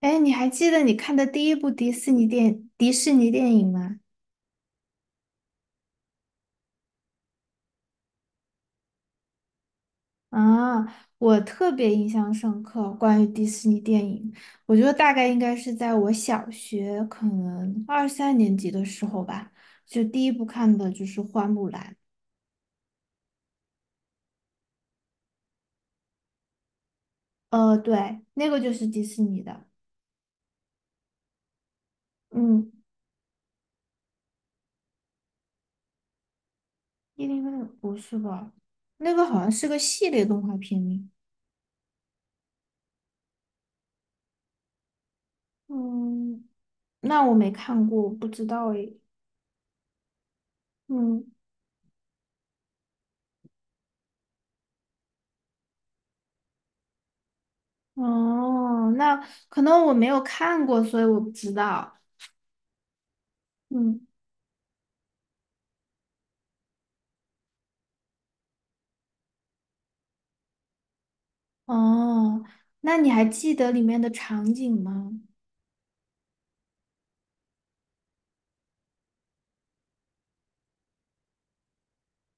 哎，你还记得你看的第一部迪士尼电影吗？啊，我特别印象深刻，关于迪士尼电影，我觉得大概应该是在我小学可能二三年级的时候吧，就第一部看的就是《花木兰》。对，那个就是迪士尼的。嗯，108不是吧？那个好像是个系列动画片呢。嗯，那我没看过，我不知道诶。嗯。哦，那可能我没有看过，所以我不知道。嗯。哦，那你还记得里面的场景吗？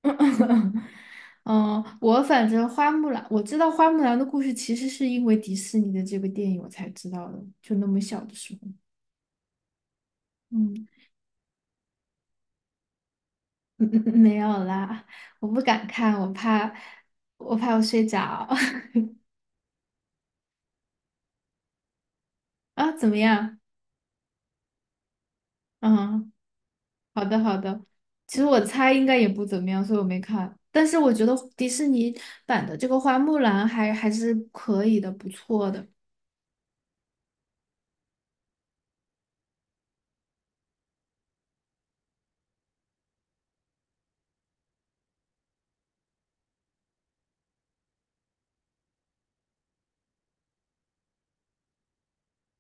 嗯，我反正花木兰，我知道花木兰的故事其实是因为迪士尼的这个电影我才知道的，就那么小的时候。嗯。没有啦，我不敢看，我怕，我怕我睡着。啊，怎么样？嗯。好的，好的。其实我猜应该也不怎么样，所以我没看。但是我觉得迪士尼版的这个花木兰还是可以的，不错的。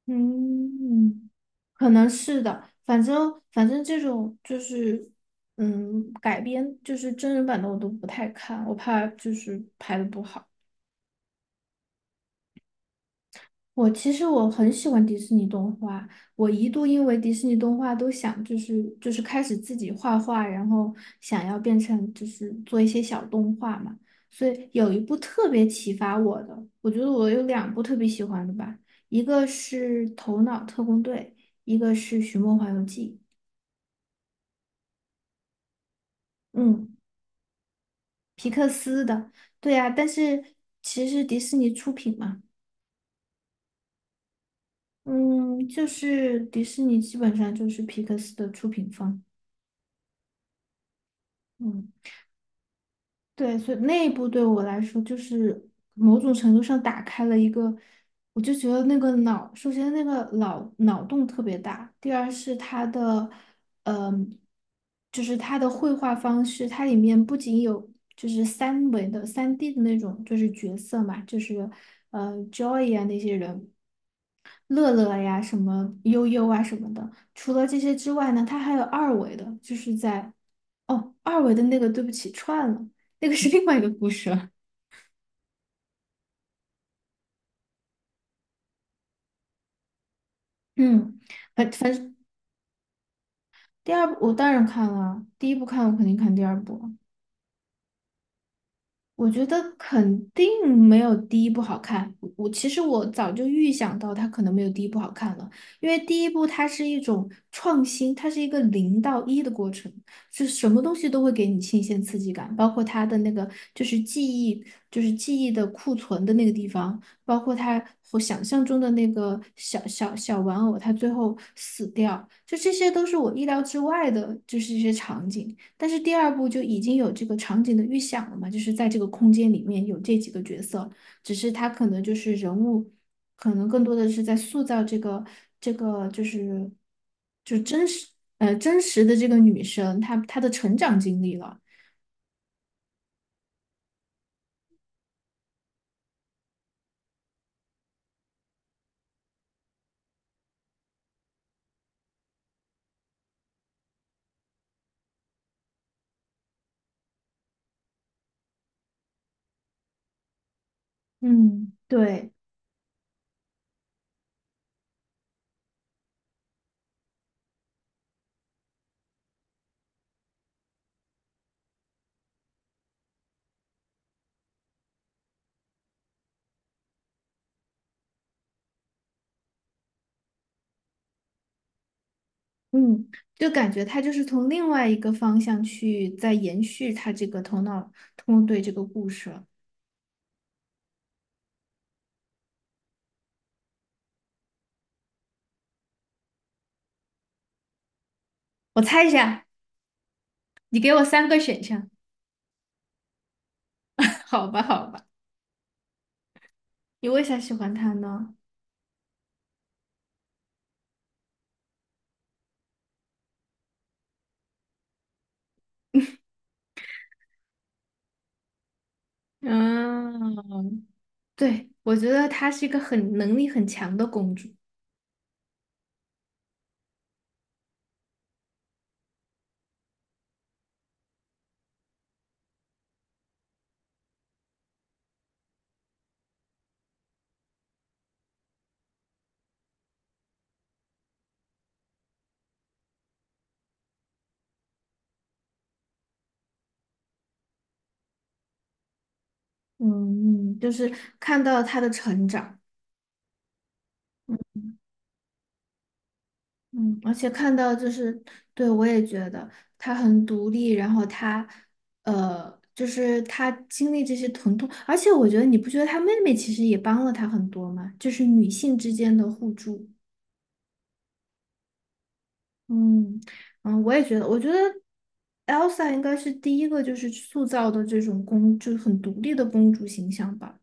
嗯，可能是的。反正这种就是，改编就是真人版的我都不太看，我怕就是拍的不好。其实我很喜欢迪士尼动画，我一度因为迪士尼动画都想就是开始自己画画，然后想要变成就是做一些小动画嘛，所以有一部特别启发我的，我觉得我有两部特别喜欢的吧，一个是《头脑特工队》，一个是《寻梦环游记》。嗯，皮克斯的，对呀，但是其实迪士尼出品嘛。嗯，就是迪士尼基本上就是皮克斯的出品方。嗯。对，所以那一步对我来说，就是某种程度上打开了一个，我就觉得那个脑，首先那个脑洞特别大，第二是它的，嗯、就是它的绘画方式，它里面不仅有就是三维的、3D 的那种，就是角色嘛，就是Joy 啊那些人，乐乐呀、什么悠悠啊什么的。除了这些之外呢，它还有二维的，就是二维的那个，对不起，串了，那个是另外一个故事了。嗯。反正第二部我当然看了啊，第一部看我肯定看第二部啊。我觉得肯定没有第一部好看。其实我早就预想到它可能没有第一部好看了，因为第一部它是一种创新，它是一个零到一的过程，是什么东西都会给你新鲜刺激感，包括它的那个就是记忆，就是记忆的库存的那个地方，包括它我想象中的那个小小小玩偶，它最后死掉，就这些都是我意料之外的，就是一些场景。但是第二部就已经有这个场景的预想了嘛，就是在这个空间里面有这几个角色，只是他可能就是人物，可能更多的是在塑造这个就是就真实呃真实的这个女生她的成长经历了。嗯对，嗯，就感觉她就是从另外一个方向去在延续她这个头脑通对这个故事了。我猜一下，你给我三个选项。好吧，好吧，你为啥喜欢他呢？嗯，对，我觉得她是一个很能力很强的公主。嗯，就是看到她的成长。嗯，而且看到就是，对，我也觉得她很独立，然后她，就是她经历这些疼痛。而且我觉得你不觉得她妹妹其实也帮了她很多吗？就是女性之间的互助。嗯嗯，我也觉得，我觉得 Elsa 应该是第一个就是塑造的这种公，就是很独立的公主形象吧。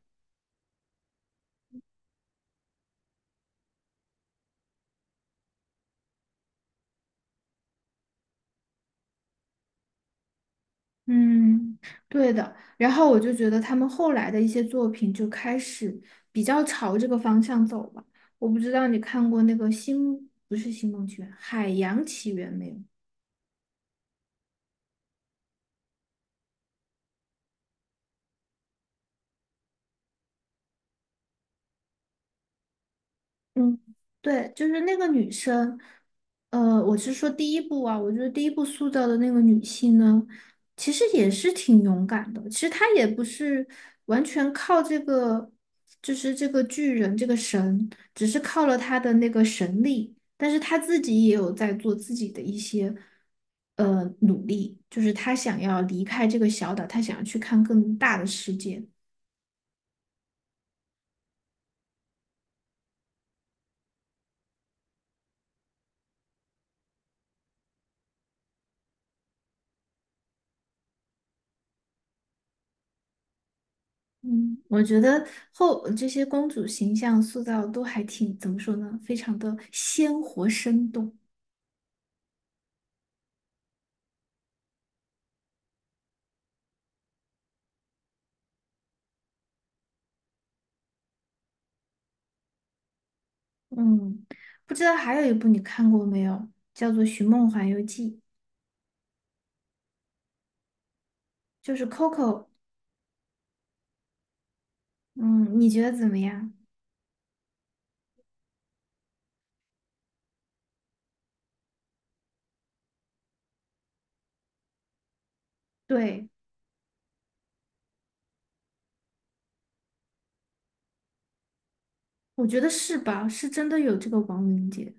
嗯，对的。然后我就觉得他们后来的一些作品就开始比较朝这个方向走了。我不知道你看过那个星，不是《星梦奇缘》，《海洋奇缘》没有？嗯，对，就是那个女生，我是说第一部啊，我觉得第一部塑造的那个女性呢，其实也是挺勇敢的。其实她也不是完全靠这个，就是这个巨人这个神，只是靠了她的那个神力，但是她自己也有在做自己的一些努力，就是她想要离开这个小岛，她想要去看更大的世界。嗯，我觉得后这些公主形象塑造都还挺，怎么说呢，非常的鲜活生动。嗯，不知道还有一部你看过没有，叫做《寻梦环游记》，就是 Coco。嗯，你觉得怎么样？对，我觉得是吧，是真的有这个王灵杰。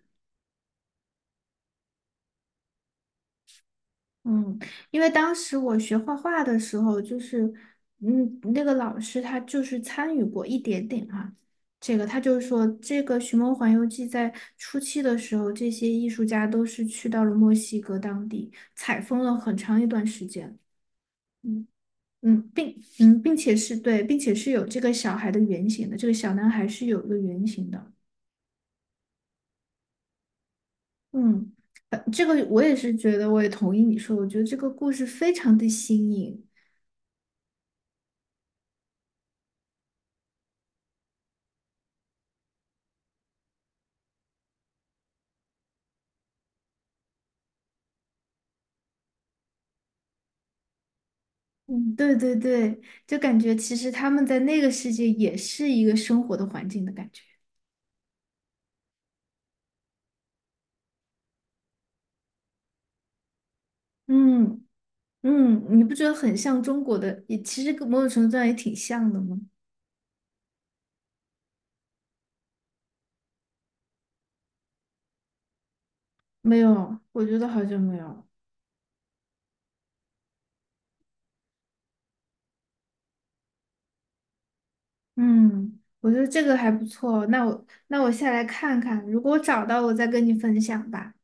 嗯，因为当时我学画画的时候，就是，那个老师他就是参与过一点点哈、这个他就是说，这个《寻梦环游记》在初期的时候，这些艺术家都是去到了墨西哥当地，采风了很长一段时间。嗯嗯，并且是对，并且是有这个小孩的原型的，这个小男孩是有一个原型的。嗯，这个我也是觉得，我也同意你说，我觉得这个故事非常的新颖。嗯，对对对，就感觉其实他们在那个世界也是一个生活的环境的感觉。嗯嗯，你不觉得很像中国的？也其实跟某种程度上也挺像的吗？没有，我觉得好像没有。嗯，我觉得这个还不错。那我下来看看，如果我找到，我再跟你分享吧。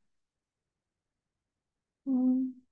嗯。